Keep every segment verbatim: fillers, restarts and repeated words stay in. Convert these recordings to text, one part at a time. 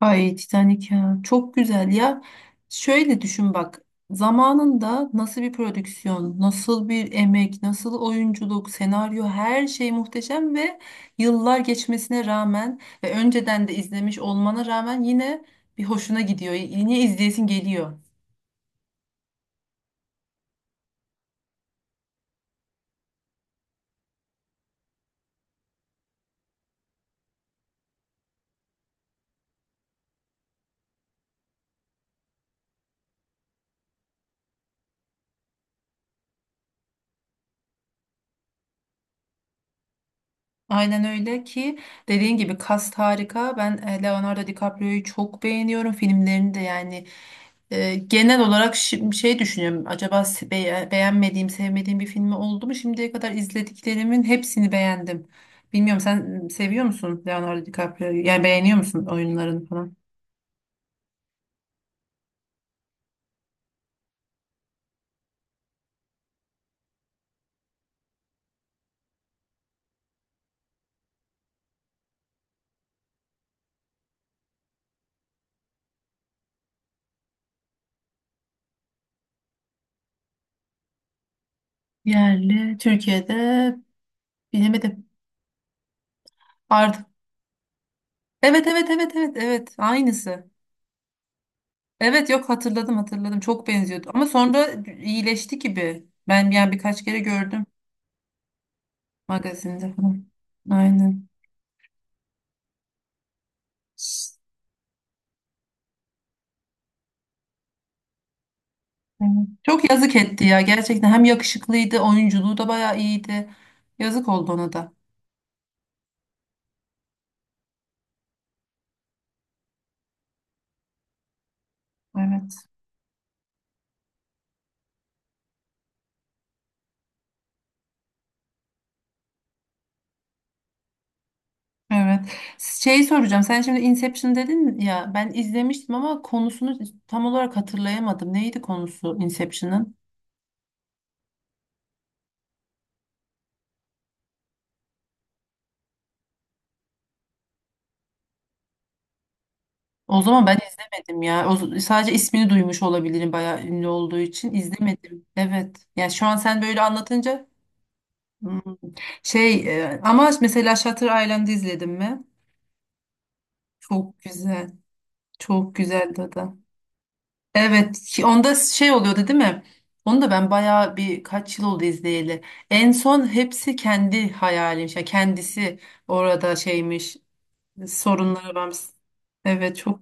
Ay Titanic ya çok güzel ya. Şöyle düşün bak zamanında nasıl bir prodüksiyon, nasıl bir emek, nasıl oyunculuk, senaryo her şey muhteşem ve yıllar geçmesine rağmen ve önceden de izlemiş olmana rağmen yine bir hoşuna gidiyor. Yine izleyesin geliyor. Aynen öyle ki dediğin gibi kast harika. Ben e, Leonardo DiCaprio'yu çok beğeniyorum filmlerini de yani e, genel olarak şi- şey düşünüyorum. Acaba se- be- beğenmediğim, sevmediğim bir filmi oldu mu? Şimdiye kadar izlediklerimin hepsini beğendim. Bilmiyorum sen seviyor musun Leonardo DiCaprio'yu? Yani beğeniyor musun oyunlarını falan? Yerli Türkiye'de bilemedim. Artık evet, evet, evet, evet, evet, aynısı. Evet yok hatırladım hatırladım çok benziyordu ama sonra iyileşti gibi. Ben yani birkaç kere gördüm magazinde falan. Aynen. Evet. Çok yazık etti ya gerçekten hem yakışıklıydı oyunculuğu da bayağı iyiydi. Yazık oldu ona da. Evet. Evet. Şey soracağım sen şimdi Inception dedin ya ben izlemiştim ama konusunu tam olarak hatırlayamadım. Neydi konusu Inception'ın? O zaman ben izlemedim ya. O, sadece ismini duymuş olabilirim bayağı ünlü olduğu için izlemedim. Evet. Yani şu an sen böyle anlatınca hmm. şey e, ama mesela Shutter Island'ı izledim mi? Çok güzel. Çok güzel da. Evet. Ki onda şey oluyordu değil mi? Onu da ben bayağı bir kaç yıl oldu izleyeli. En son hepsi kendi hayalim. Yani kendisi orada şeymiş. Sorunları varmış. Evet, çok.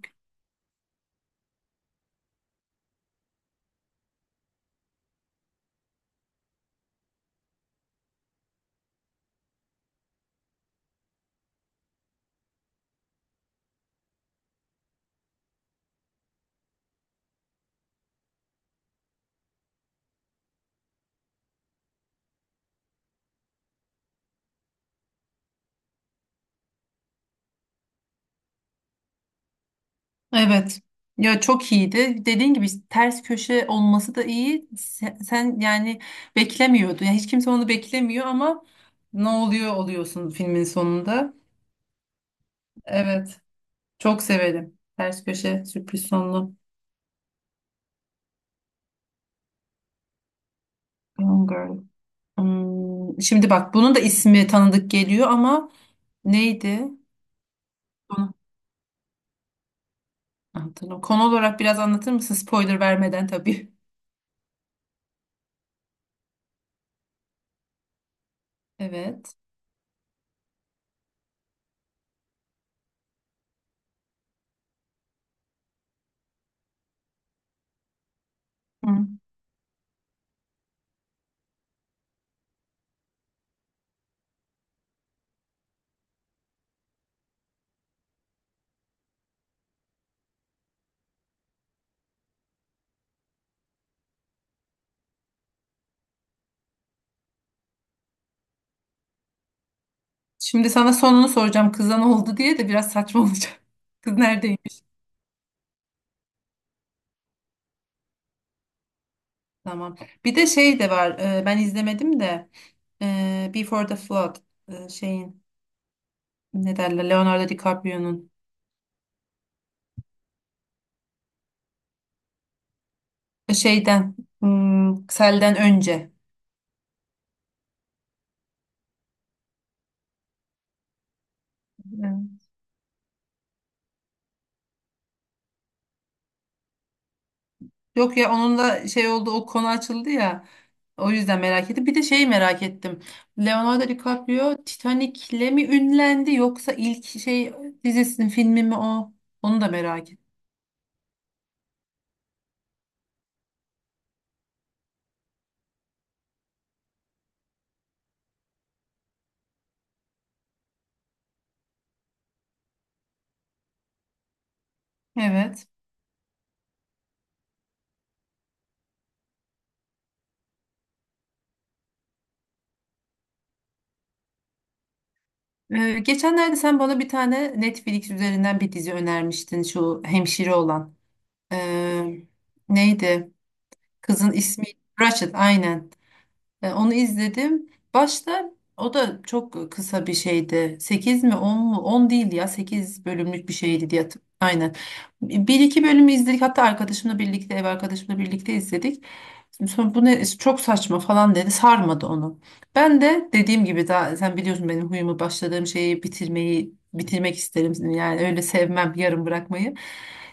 Evet. Ya çok iyiydi. Dediğin gibi ters köşe olması da iyi. Sen, sen yani beklemiyordun. Yani hiç kimse onu beklemiyor ama ne oluyor oluyorsun filmin sonunda. Evet. Çok severim. Ters köşe sürpriz sonlu. Gone Girl. Hmm, şimdi bak bunun da ismi tanıdık geliyor ama neydi? Konu, hatırlam. Konu olarak biraz anlatır mısın? Spoiler vermeden tabii. Evet. Hı. Şimdi sana sonunu soracağım. Kıza ne oldu diye de biraz saçma olacak. Kız neredeydi? Tamam. Bir de şey de var. e, Ben izlemedim de e, Before the Flood e, şeyin ne derler Leonardo DiCaprio'nun e, şeyden hmm, selden önce. Evet. Yok ya onun da şey oldu o konu açıldı ya. O yüzden merak ettim. Bir de şeyi merak ettim. Leonardo DiCaprio Titanic'le mi ünlendi yoksa ilk şey dizisinin filmi mi o? Onu da merak ettim. Evet. Ee, geçenlerde sen bana bir tane Netflix üzerinden bir dizi önermiştin şu hemşire olan. Eee, Neydi? Kızın ismi Ratched, aynen. E, onu izledim. Başta o da çok kısa bir şeydi. Sekiz mi on mu? On değil ya. Sekiz bölümlük bir şeydi diye hatır- Aynen. Bir iki bölümü izledik. Hatta arkadaşımla birlikte, ev arkadaşımla birlikte izledik. Sonra bu ne çok saçma falan dedi. Sarmadı onu. Ben de dediğim gibi daha sen biliyorsun benim huyumu başladığım şeyi bitirmeyi bitirmek isterim. Yani öyle sevmem yarım bırakmayı.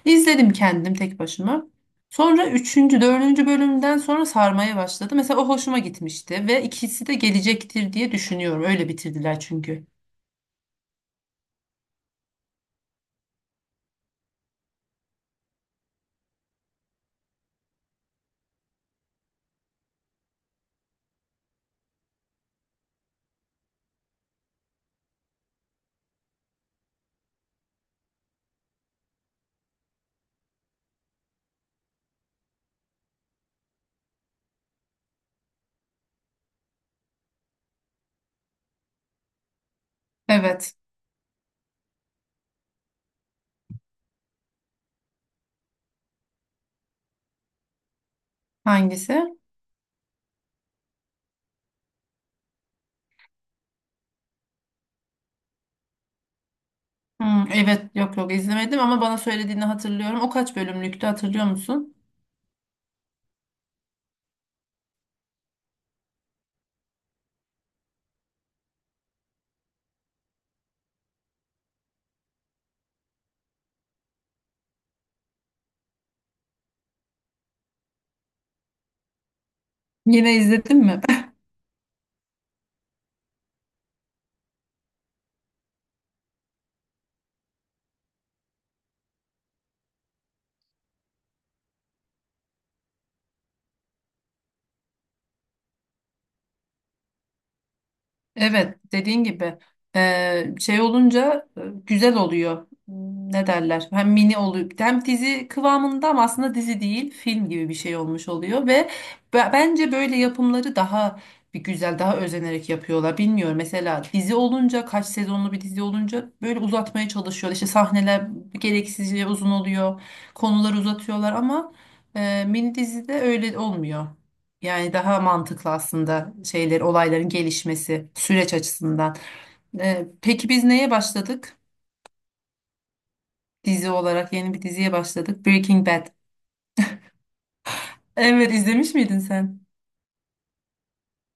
İzledim kendim tek başıma. Sonra üçüncü, dördüncü bölümden sonra sarmaya başladı. Mesela o hoşuma gitmişti ve ikisi de gelecektir diye düşünüyorum. Öyle bitirdiler çünkü. Evet. Hangisi? Hmm, evet yok yok izlemedim ama bana söylediğini hatırlıyorum. O kaç bölümlüktü hatırlıyor musun? Yine izledin mi? Evet, dediğin gibi eee, şey olunca e, güzel oluyor. Hmm, ne derler? Hem mini oluyor, hem dizi kıvamında ama aslında dizi değil, film gibi bir şey olmuş oluyor ve be- bence böyle yapımları daha bir güzel, daha özenerek yapıyorlar. Bilmiyorum mesela dizi olunca kaç sezonlu bir dizi olunca böyle uzatmaya çalışıyorlar. İşte sahneler gereksizce uzun oluyor, konuları uzatıyorlar ama e, mini dizide öyle olmuyor. Yani daha mantıklı aslında şeyler, olayların gelişmesi süreç açısından. Ee, peki biz neye başladık? Dizi olarak yeni bir diziye başladık. Breaking Bad. Evet izlemiş miydin sen?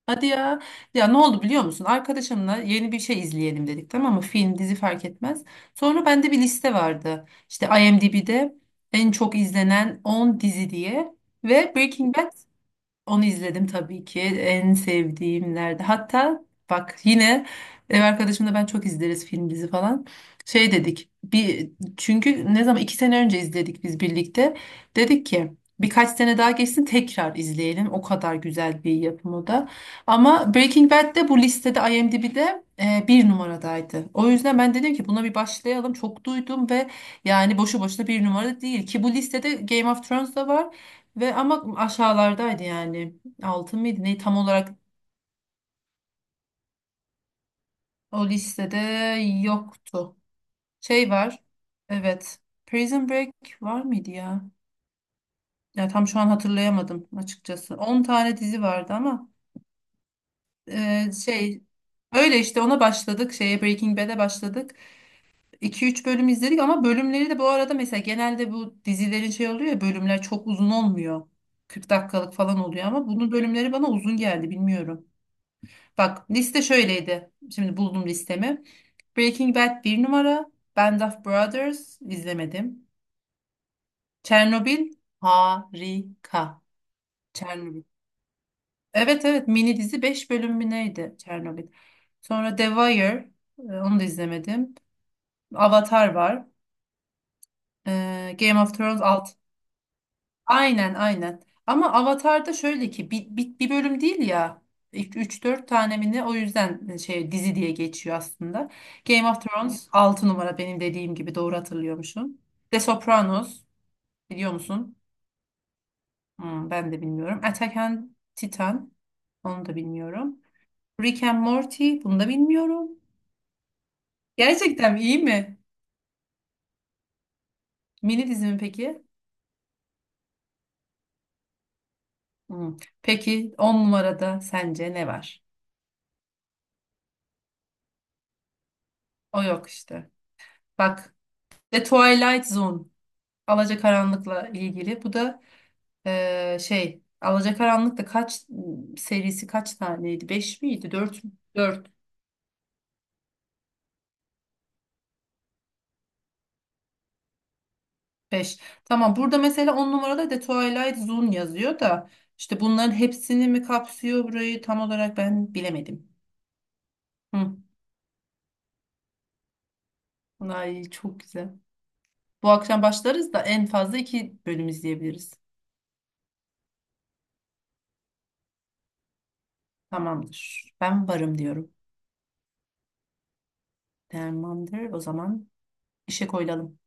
Hadi ya. Ya ne oldu biliyor musun? Arkadaşımla yeni bir şey izleyelim dedik tamam mı? Film, dizi fark etmez. Sonra bende bir liste vardı. İşte IMDb'de en çok izlenen on dizi diye. Ve Breaking Bad. Onu izledim tabii ki. En sevdiğimlerde. Hatta bak yine ev arkadaşımla ben çok izleriz film dizi falan. Şey dedik. Bir çünkü ne zaman iki sene önce izledik biz birlikte. Dedik ki birkaç sene daha geçsin tekrar izleyelim. O kadar güzel bir yapım o da. Ama Breaking Bad de bu listede IMDb'de e, bir numaradaydı. O yüzden ben dedim ki buna bir başlayalım. Çok duydum ve yani boşu boşuna bir numara değil ki bu listede Game of Thrones da var. Ve ama aşağılardaydı yani. Altın mıydı? Ne tam olarak o listede yoktu. Şey var. Evet. Prison Break var mıydı ya? Ya tam şu an hatırlayamadım açıkçası. On tane dizi vardı ama e, şey öyle işte ona başladık. Şeye Breaking Bad'e başladık. İki üç bölüm izledik ama bölümleri de bu arada mesela genelde bu dizilerin şey oluyor ya bölümler çok uzun olmuyor. Kırk dakikalık falan oluyor ama bunun bölümleri bana uzun geldi bilmiyorum. Bak liste şöyleydi. Şimdi buldum listemi. Breaking Bad bir numara. Band of Brothers izlemedim. Chernobyl harika. Chernobyl. Evet, evet, mini dizi beş bölüm mü neydi Chernobyl. Sonra The Wire e, onu da izlemedim. Avatar var. E, Game of Thrones alt aynen, aynen. Ama Avatar'da şöyle ki bir, bir, bir bölüm değil ya. Üç dört tane mi ne o yüzden şey dizi diye geçiyor aslında. Game of Thrones altı numara benim dediğim gibi doğru hatırlıyormuşum. The Sopranos biliyor musun? Hmm, ben de bilmiyorum. Attack on Titan onu da bilmiyorum. Rick and Morty bunu da bilmiyorum. Gerçekten iyi mi? Mini dizi mi peki? Hmm. Peki on numarada sence ne var? O yok işte. Bak The Twilight Zone. Alacakaranlık'la ilgili. Bu da eee şey Alacakaranlık da kaç serisi kaç taneydi? Beş miydi? 4, dört, beş. Tamam, burada mesela on numarada The Twilight Zone yazıyor da işte bunların hepsini mi kapsıyor burayı tam olarak ben bilemedim. Hı. Ay çok güzel. Bu akşam başlarız da en fazla iki bölüm izleyebiliriz. Tamamdır. Ben varım diyorum. Tamamdır. O zaman işe koyulalım.